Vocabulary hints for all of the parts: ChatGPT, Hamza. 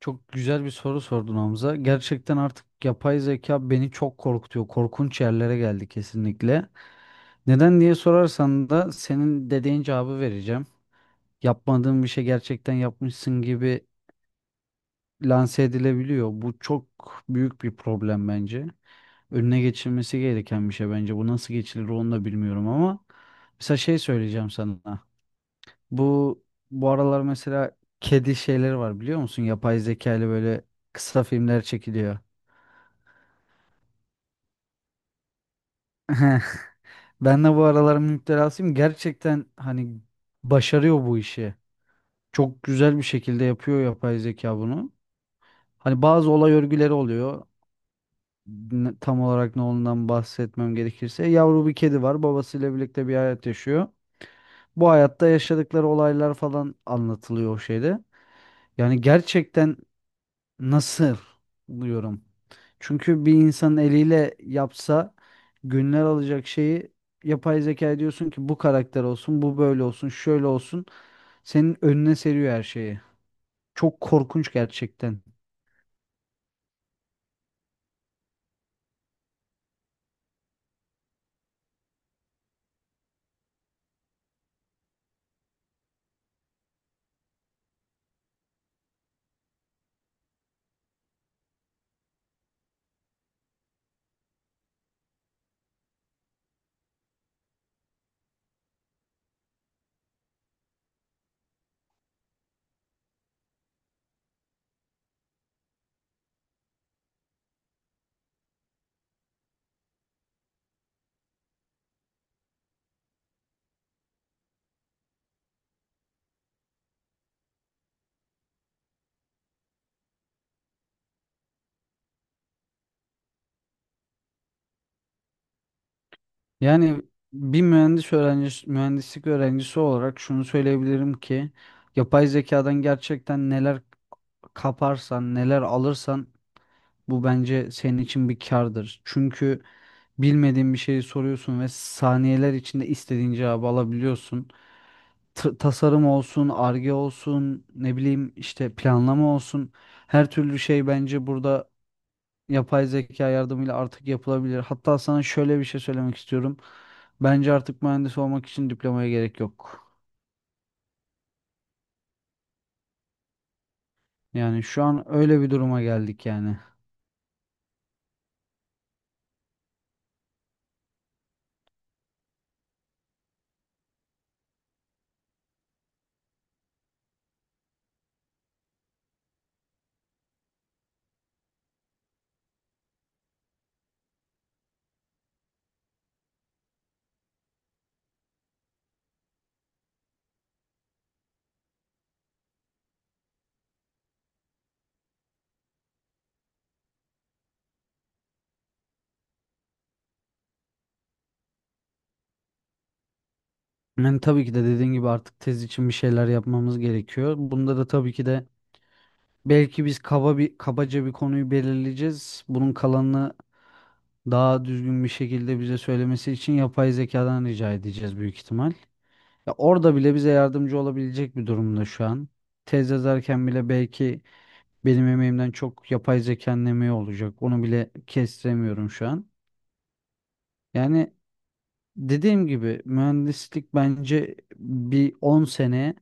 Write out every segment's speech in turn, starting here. Çok güzel bir soru sordun Hamza. Gerçekten artık yapay zeka beni çok korkutuyor. Korkunç yerlere geldi kesinlikle. Neden diye sorarsan da senin dediğin cevabı vereceğim. Yapmadığın bir şey gerçekten yapmışsın gibi lanse edilebiliyor. Bu çok büyük bir problem bence. Önüne geçilmesi gereken bir şey bence. Bu nasıl geçilir onu da bilmiyorum ama mesela şey söyleyeceğim sana. Bu bu aralar mesela kedi şeyleri var biliyor musun? Yapay zeka ile böyle kısa filmler çekiliyor. Ben de bu aralar müptelasıyım. Gerçekten hani başarıyor bu işi. Çok güzel bir şekilde yapıyor yapay zeka bunu. Hani bazı olay örgüleri oluyor. Tam olarak ne olduğundan bahsetmem gerekirse, yavru bir kedi var. Babasıyla birlikte bir hayat yaşıyor. Bu hayatta yaşadıkları olaylar falan anlatılıyor o şeyde. Yani gerçekten nasıl diyorum. Çünkü bir insan eliyle yapsa günler alacak şeyi yapay zeka diyorsun ki bu karakter olsun, bu böyle olsun, şöyle olsun. Senin önüne seriyor her şeyi. Çok korkunç gerçekten. Yani mühendislik öğrencisi olarak şunu söyleyebilirim ki yapay zekadan gerçekten neler kaparsan, neler alırsan bu bence senin için bir kârdır. Çünkü bilmediğin bir şeyi soruyorsun ve saniyeler içinde istediğin cevabı alabiliyorsun. Tasarım olsun, arge olsun, ne bileyim işte planlama olsun. Her türlü şey bence burada yapay zeka yardımıyla artık yapılabilir. Hatta sana şöyle bir şey söylemek istiyorum. Bence artık mühendis olmak için diplomaya gerek yok. Yani şu an öyle bir duruma geldik yani. Yani tabii ki de dediğin gibi artık tez için bir şeyler yapmamız gerekiyor. Bunda da tabii ki de belki biz kabaca bir konuyu belirleyeceğiz. Bunun kalanını daha düzgün bir şekilde bize söylemesi için yapay zekadan rica edeceğiz büyük ihtimal. Ya orada bile bize yardımcı olabilecek bir durumda şu an. Tez yazarken bile belki benim emeğimden çok yapay zekanın emeği olacak. Onu bile kestiremiyorum şu an. Yani dediğim gibi mühendislik bence bir 10 sene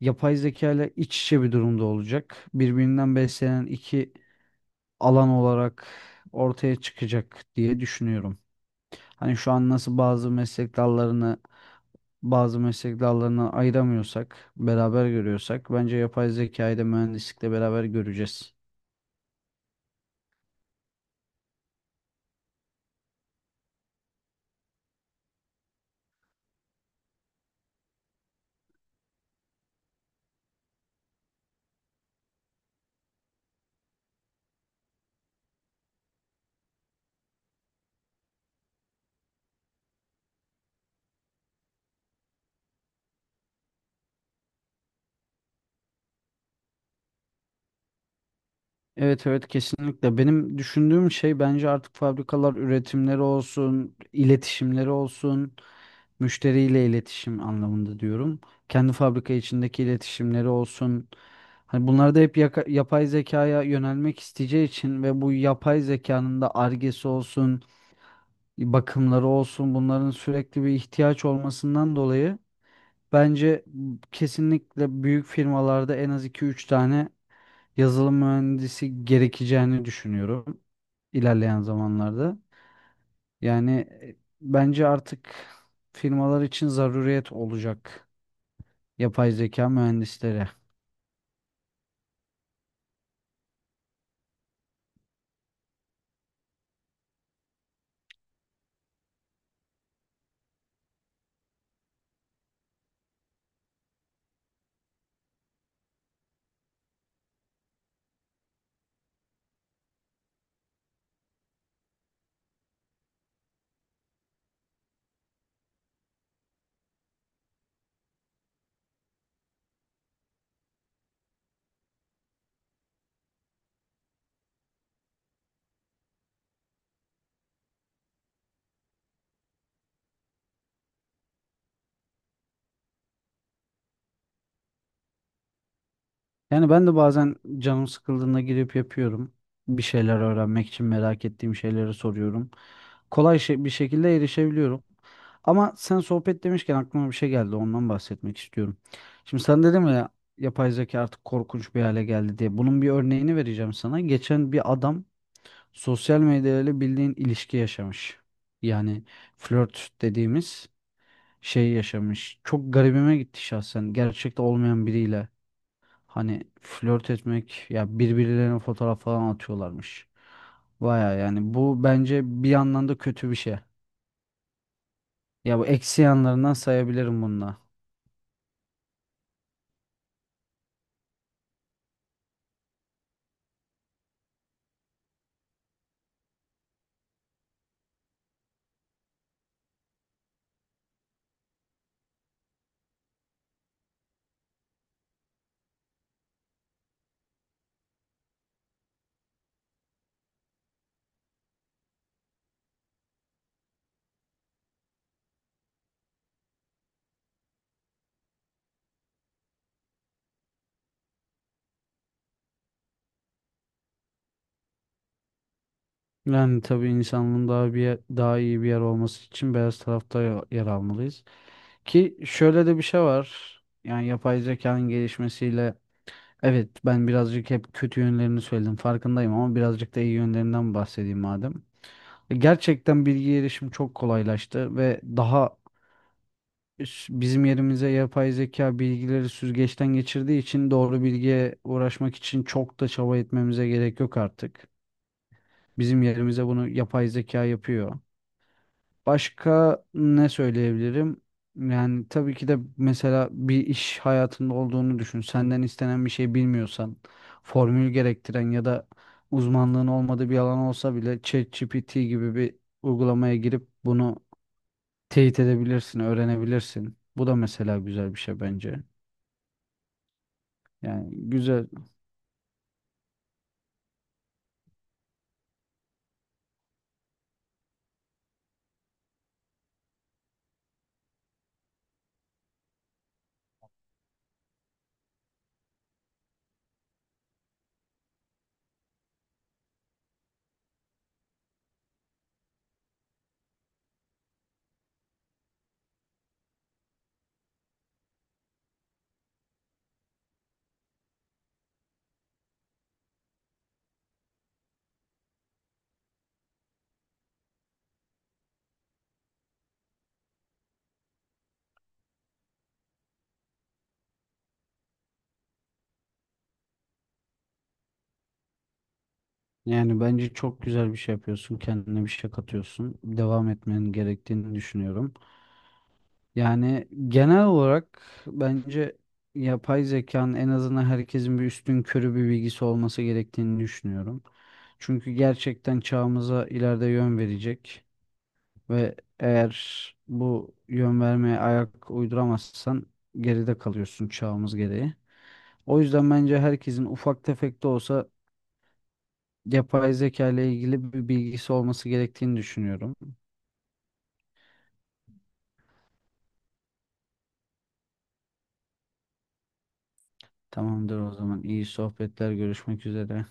yapay zeka ile iç içe bir durumda olacak. Birbirinden beslenen iki alan olarak ortaya çıkacak diye düşünüyorum. Hani şu an nasıl bazı meslek dallarını ayıramıyorsak, beraber görüyorsak bence yapay zekayı da mühendislikle beraber göreceğiz. Evet evet kesinlikle. Benim düşündüğüm şey bence artık fabrikalar üretimleri olsun, iletişimleri olsun, müşteriyle iletişim anlamında diyorum. Kendi fabrika içindeki iletişimleri olsun. Hani bunlar da hep yapay zekaya yönelmek isteyeceği için ve bu yapay zekanın da argesi olsun, bakımları olsun bunların sürekli bir ihtiyaç olmasından dolayı bence kesinlikle büyük firmalarda en az iki üç tane yazılım mühendisi gerekeceğini düşünüyorum ilerleyen zamanlarda. Yani bence artık firmalar için zaruriyet olacak yapay zeka mühendisleri. Yani ben de bazen canım sıkıldığında girip yapıyorum. Bir şeyler öğrenmek için merak ettiğim şeyleri soruyorum. Kolay şey, bir şekilde erişebiliyorum. Ama sen sohbet demişken aklıma bir şey geldi. Ondan bahsetmek istiyorum. Şimdi sen dedim ya, yapay zeka artık korkunç bir hale geldi diye. Bunun bir örneğini vereceğim sana. Geçen bir adam sosyal medyayla bildiğin ilişki yaşamış. Yani flört dediğimiz şey yaşamış. Çok garibime gitti şahsen. Gerçekte olmayan biriyle. Hani flört etmek ya, birbirlerine fotoğraf falan atıyorlarmış. Baya yani bu bence bir yandan da kötü bir şey. Ya bu eksi yanlarından sayabilirim bununla. Yani tabii insanlığın daha iyi bir yer olması için beyaz tarafta yer almalıyız. Ki şöyle de bir şey var. Yani yapay zekanın gelişmesiyle evet ben birazcık hep kötü yönlerini söyledim farkındayım ama birazcık da iyi yönlerinden bahsedeyim madem. Gerçekten bilgi erişim çok kolaylaştı ve bizim yerimize yapay zeka bilgileri süzgeçten geçirdiği için doğru bilgiye uğraşmak için çok da çaba etmemize gerek yok artık. Bizim yerimize bunu yapay zeka yapıyor. Başka ne söyleyebilirim? Yani tabii ki de mesela bir iş hayatında olduğunu düşün. Senden istenen bir şey bilmiyorsan, formül gerektiren ya da uzmanlığın olmadığı bir alan olsa bile ChatGPT gibi bir uygulamaya girip bunu teyit edebilirsin, öğrenebilirsin. Bu da mesela güzel bir şey bence. Yani güzel, yani bence çok güzel bir şey yapıyorsun, kendine bir şey katıyorsun, devam etmenin gerektiğini düşünüyorum. Yani genel olarak bence yapay zekanın en azından herkesin bir üstün körü bir bilgisi olması gerektiğini düşünüyorum. Çünkü gerçekten çağımıza ileride yön verecek ve eğer bu yön vermeye ayak uyduramazsan geride kalıyorsun çağımız gereği. O yüzden bence herkesin ufak tefek de olsa yapay zeka ile ilgili bir bilgisi olması gerektiğini düşünüyorum. Tamamdır o zaman. İyi sohbetler. Görüşmek üzere.